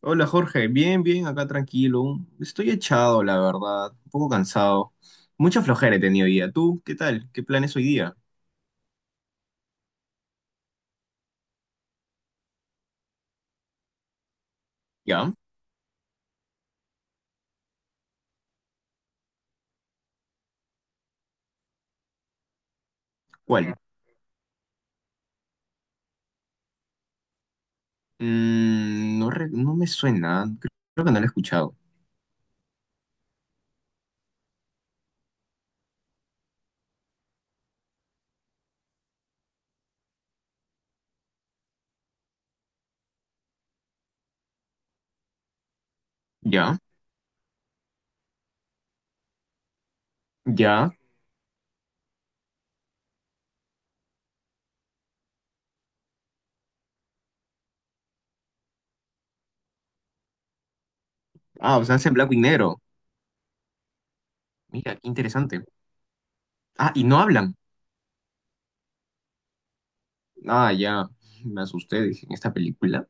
Hola Jorge, bien, bien, acá tranquilo. Estoy echado, la verdad, un poco cansado. Mucha flojera he tenido hoy día. ¿Tú qué tal? ¿Qué planes hoy día? ¿Ya? ¿Cuál? Mm, no, no me suena, creo que no lo he escuchado. ¿Ya? ¿Ya? Ah, o sea, es en blanco y negro. Mira, qué interesante. Ah, y no hablan. Ah, ya, me asusté, dije, ¿en esta película?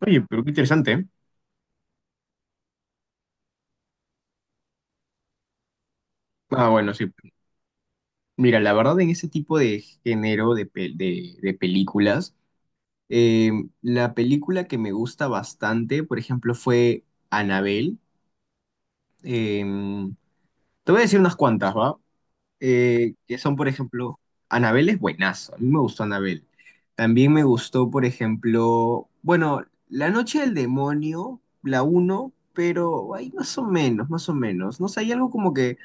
Oye, pero qué interesante, ¿eh? Ah, bueno, sí. Mira, la verdad en ese tipo de género de películas. Eh, la película que me gusta bastante, por ejemplo, fue Anabel. Te voy a decir unas cuantas, ¿va? Que son, por ejemplo, Anabel es buenazo. A mí me gustó Anabel. También me gustó, por ejemplo, bueno, La Noche del Demonio, la uno, pero ahí más o menos, más o menos. No sé, hay algo como que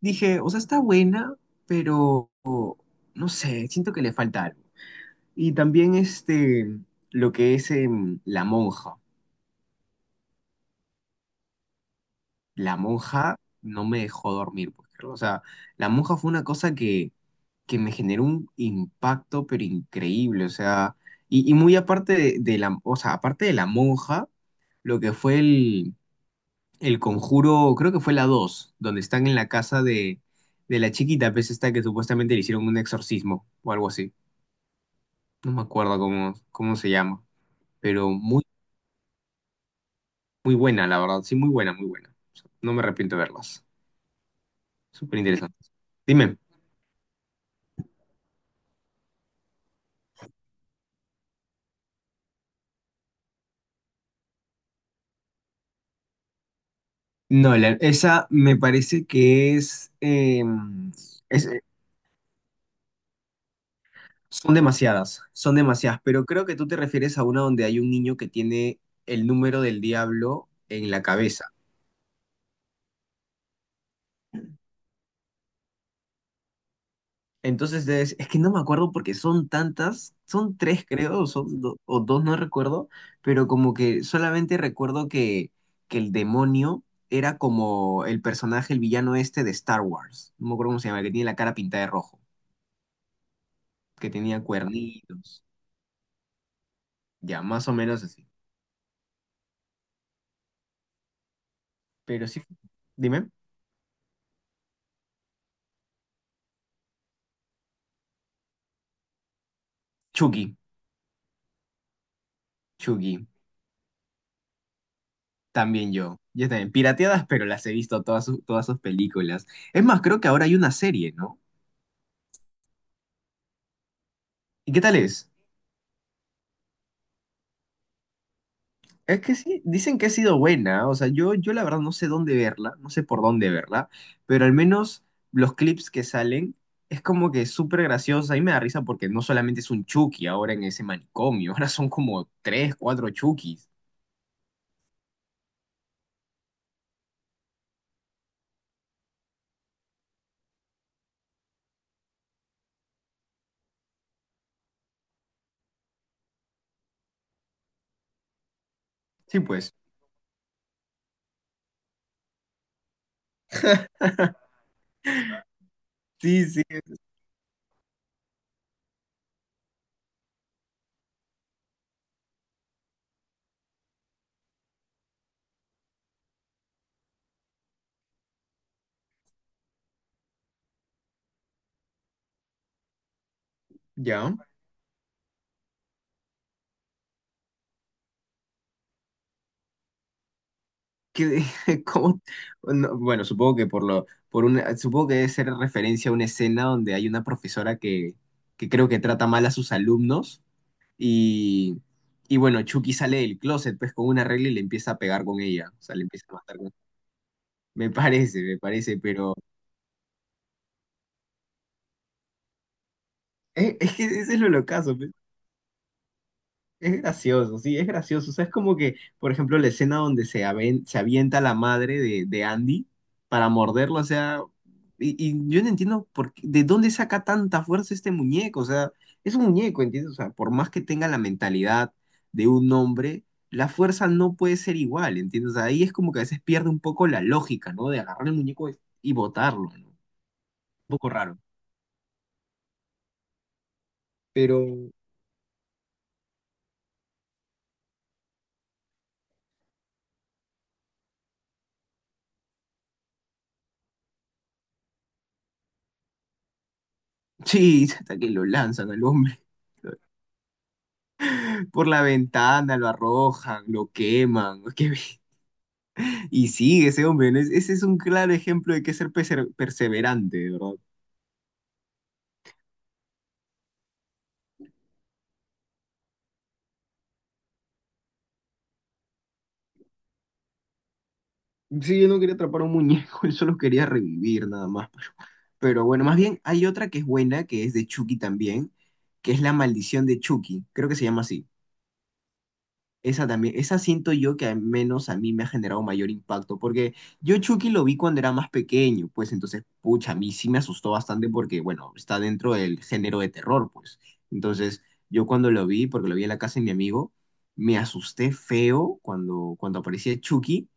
dije, o sea, está buena, pero no sé, siento que le falta algo. Y también este, lo que es La Monja. La Monja no me dejó dormir, pues, creo. O sea, La Monja fue una cosa que me generó un impacto, pero increíble. O sea, y muy aparte de la, o sea, aparte de La Monja, lo que fue el conjuro, creo que fue la 2 donde están en la casa de la chiquita, pues esta que supuestamente le hicieron un exorcismo o algo así. No me acuerdo cómo, cómo se llama, pero muy muy buena, la verdad. Sí, muy buena, muy buena. O sea, no me arrepiento de verlas. Súper interesantes. Dime. Nolan, esa me parece que es, es- eh, son demasiadas, pero creo que tú te refieres a una donde hay un niño que tiene el número del diablo en la cabeza. Entonces es que no me acuerdo porque son tantas, son tres creo, o son o dos, no recuerdo, pero como que solamente recuerdo que el demonio era como el personaje, el villano este de Star Wars, no me acuerdo cómo se llama, que tiene la cara pintada de rojo, que tenía cuernitos, ya, más o menos así. Pero sí, dime. Chucky, Chucky, también yo también, pirateadas, pero las he visto todas sus películas. Es más, creo que ahora hay una serie, ¿no? ¿Y qué tal es? Es que sí, dicen que ha sido buena, o sea, yo la verdad no sé dónde verla, no sé por dónde verla, pero al menos los clips que salen es como que súper gracioso, a mí me da risa porque no solamente es un Chucky ahora en ese manicomio, ahora son como tres, cuatro Chuckys. Sí, pues, sí, sí, ya. Que, ¿cómo? No, bueno, supongo que por lo, por una, supongo que debe ser referencia a una escena donde hay una profesora que creo que trata mal a sus alumnos. Y, y bueno, Chucky sale del closet pues con una regla y le empieza a pegar con ella. O sea, le empieza a matar con... me parece, pero... es que ese es lo locazo. Es gracioso, sí, es gracioso. O sea, es como que, por ejemplo, la escena donde se, se avienta la madre de Andy para morderlo, o sea, y yo no entiendo de dónde saca tanta fuerza este muñeco, o sea, es un muñeco, ¿entiendes? O sea, por más que tenga la mentalidad de un hombre, la fuerza no puede ser igual, ¿entiendes? O sea, ahí es como que a veces pierde un poco la lógica, ¿no? De agarrar el muñeco y botarlo, ¿no? Un poco raro. Pero sí, hasta que lo lanzan al hombre, por la ventana, lo arrojan, lo queman. Que... y sí, ese hombre, ¿no? Es... ese es un claro ejemplo de que ser perseverante, de verdad. Sí, yo no quería atrapar a un muñeco, yo solo quería revivir nada más. Pero bueno, más bien hay otra que es buena, que es de Chucky también, que es La Maldición de Chucky, creo que se llama así. Esa también, esa siento yo que al menos a mí me ha generado mayor impacto, porque yo Chucky lo vi cuando era más pequeño, pues entonces, pucha, a mí sí me asustó bastante porque, bueno, está dentro del género de terror, pues. Entonces, yo cuando lo vi, porque lo vi en la casa de mi amigo, me asusté feo cuando, cuando aparecía Chucky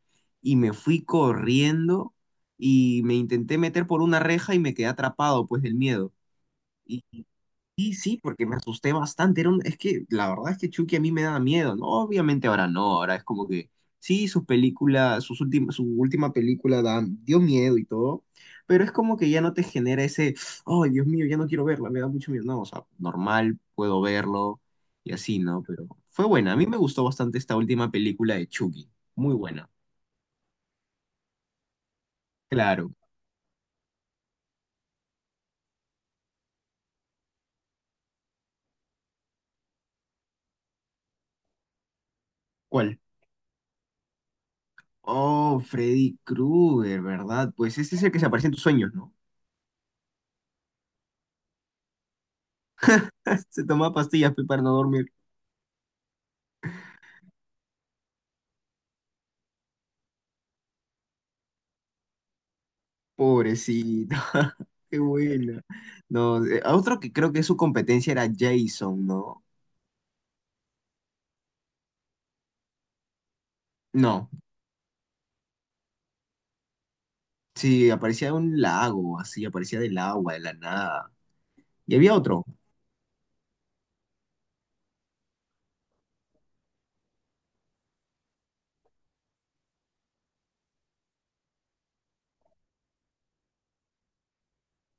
y me fui corriendo y me intenté meter por una reja y me quedé atrapado, pues, del miedo. Y sí, porque me asusté bastante. Es que la verdad es que Chucky a mí me da miedo, ¿no? Obviamente ahora no, ahora es como que sí, sus películas, sus últimas, su última película dio miedo y todo, pero es como que ya no te genera ese, oh, Dios mío, ya no quiero verla, me da mucho miedo. No, o sea, normal, puedo verlo y así, ¿no? Pero fue buena, a mí me gustó bastante esta última película de Chucky, muy buena. Claro, ¿cuál? Oh, Freddy Krueger, ¿verdad? Pues ese es el que se aparece en tus sueños, ¿no? Se toma pastillas para no dormir. Pobrecito. Qué bueno. No, a otro que creo que su competencia era Jason, ¿no? No, sí, aparecía de un lago, así, aparecía del agua, de la nada. Y había otro.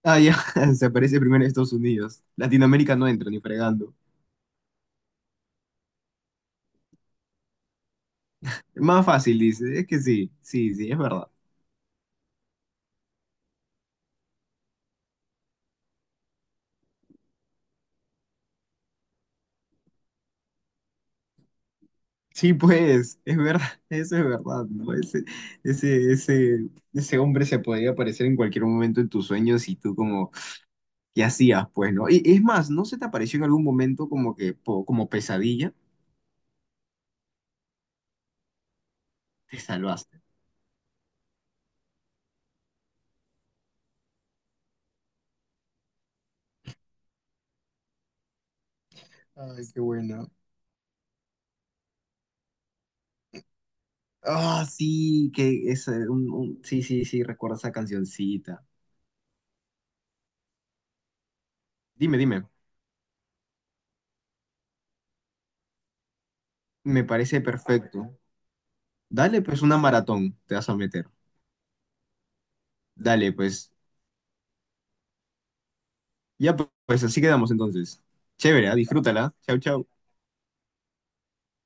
Ah, ya, se aparece primero en Estados Unidos. Latinoamérica no entra ni fregando. Más fácil, dice. Es que sí, sí, sí, es verdad. Sí, pues, es verdad, eso es verdad, ¿no? Ese, ese, ese hombre se podía aparecer en cualquier momento en tus sueños y tú como... ¿Qué hacías, pues, no? Y es más, ¿no se te apareció en algún momento como que, como pesadilla? Te salvaste. Ay, qué bueno. Ah, sí, que es un... sí, sí, sí, recuerdo esa cancioncita. Dime, dime. Me parece perfecto. Dale, pues, una maratón te vas a meter. Dale, pues. Ya, pues, así quedamos entonces. Chévere, ¿ah? Disfrútala. Chau, chau.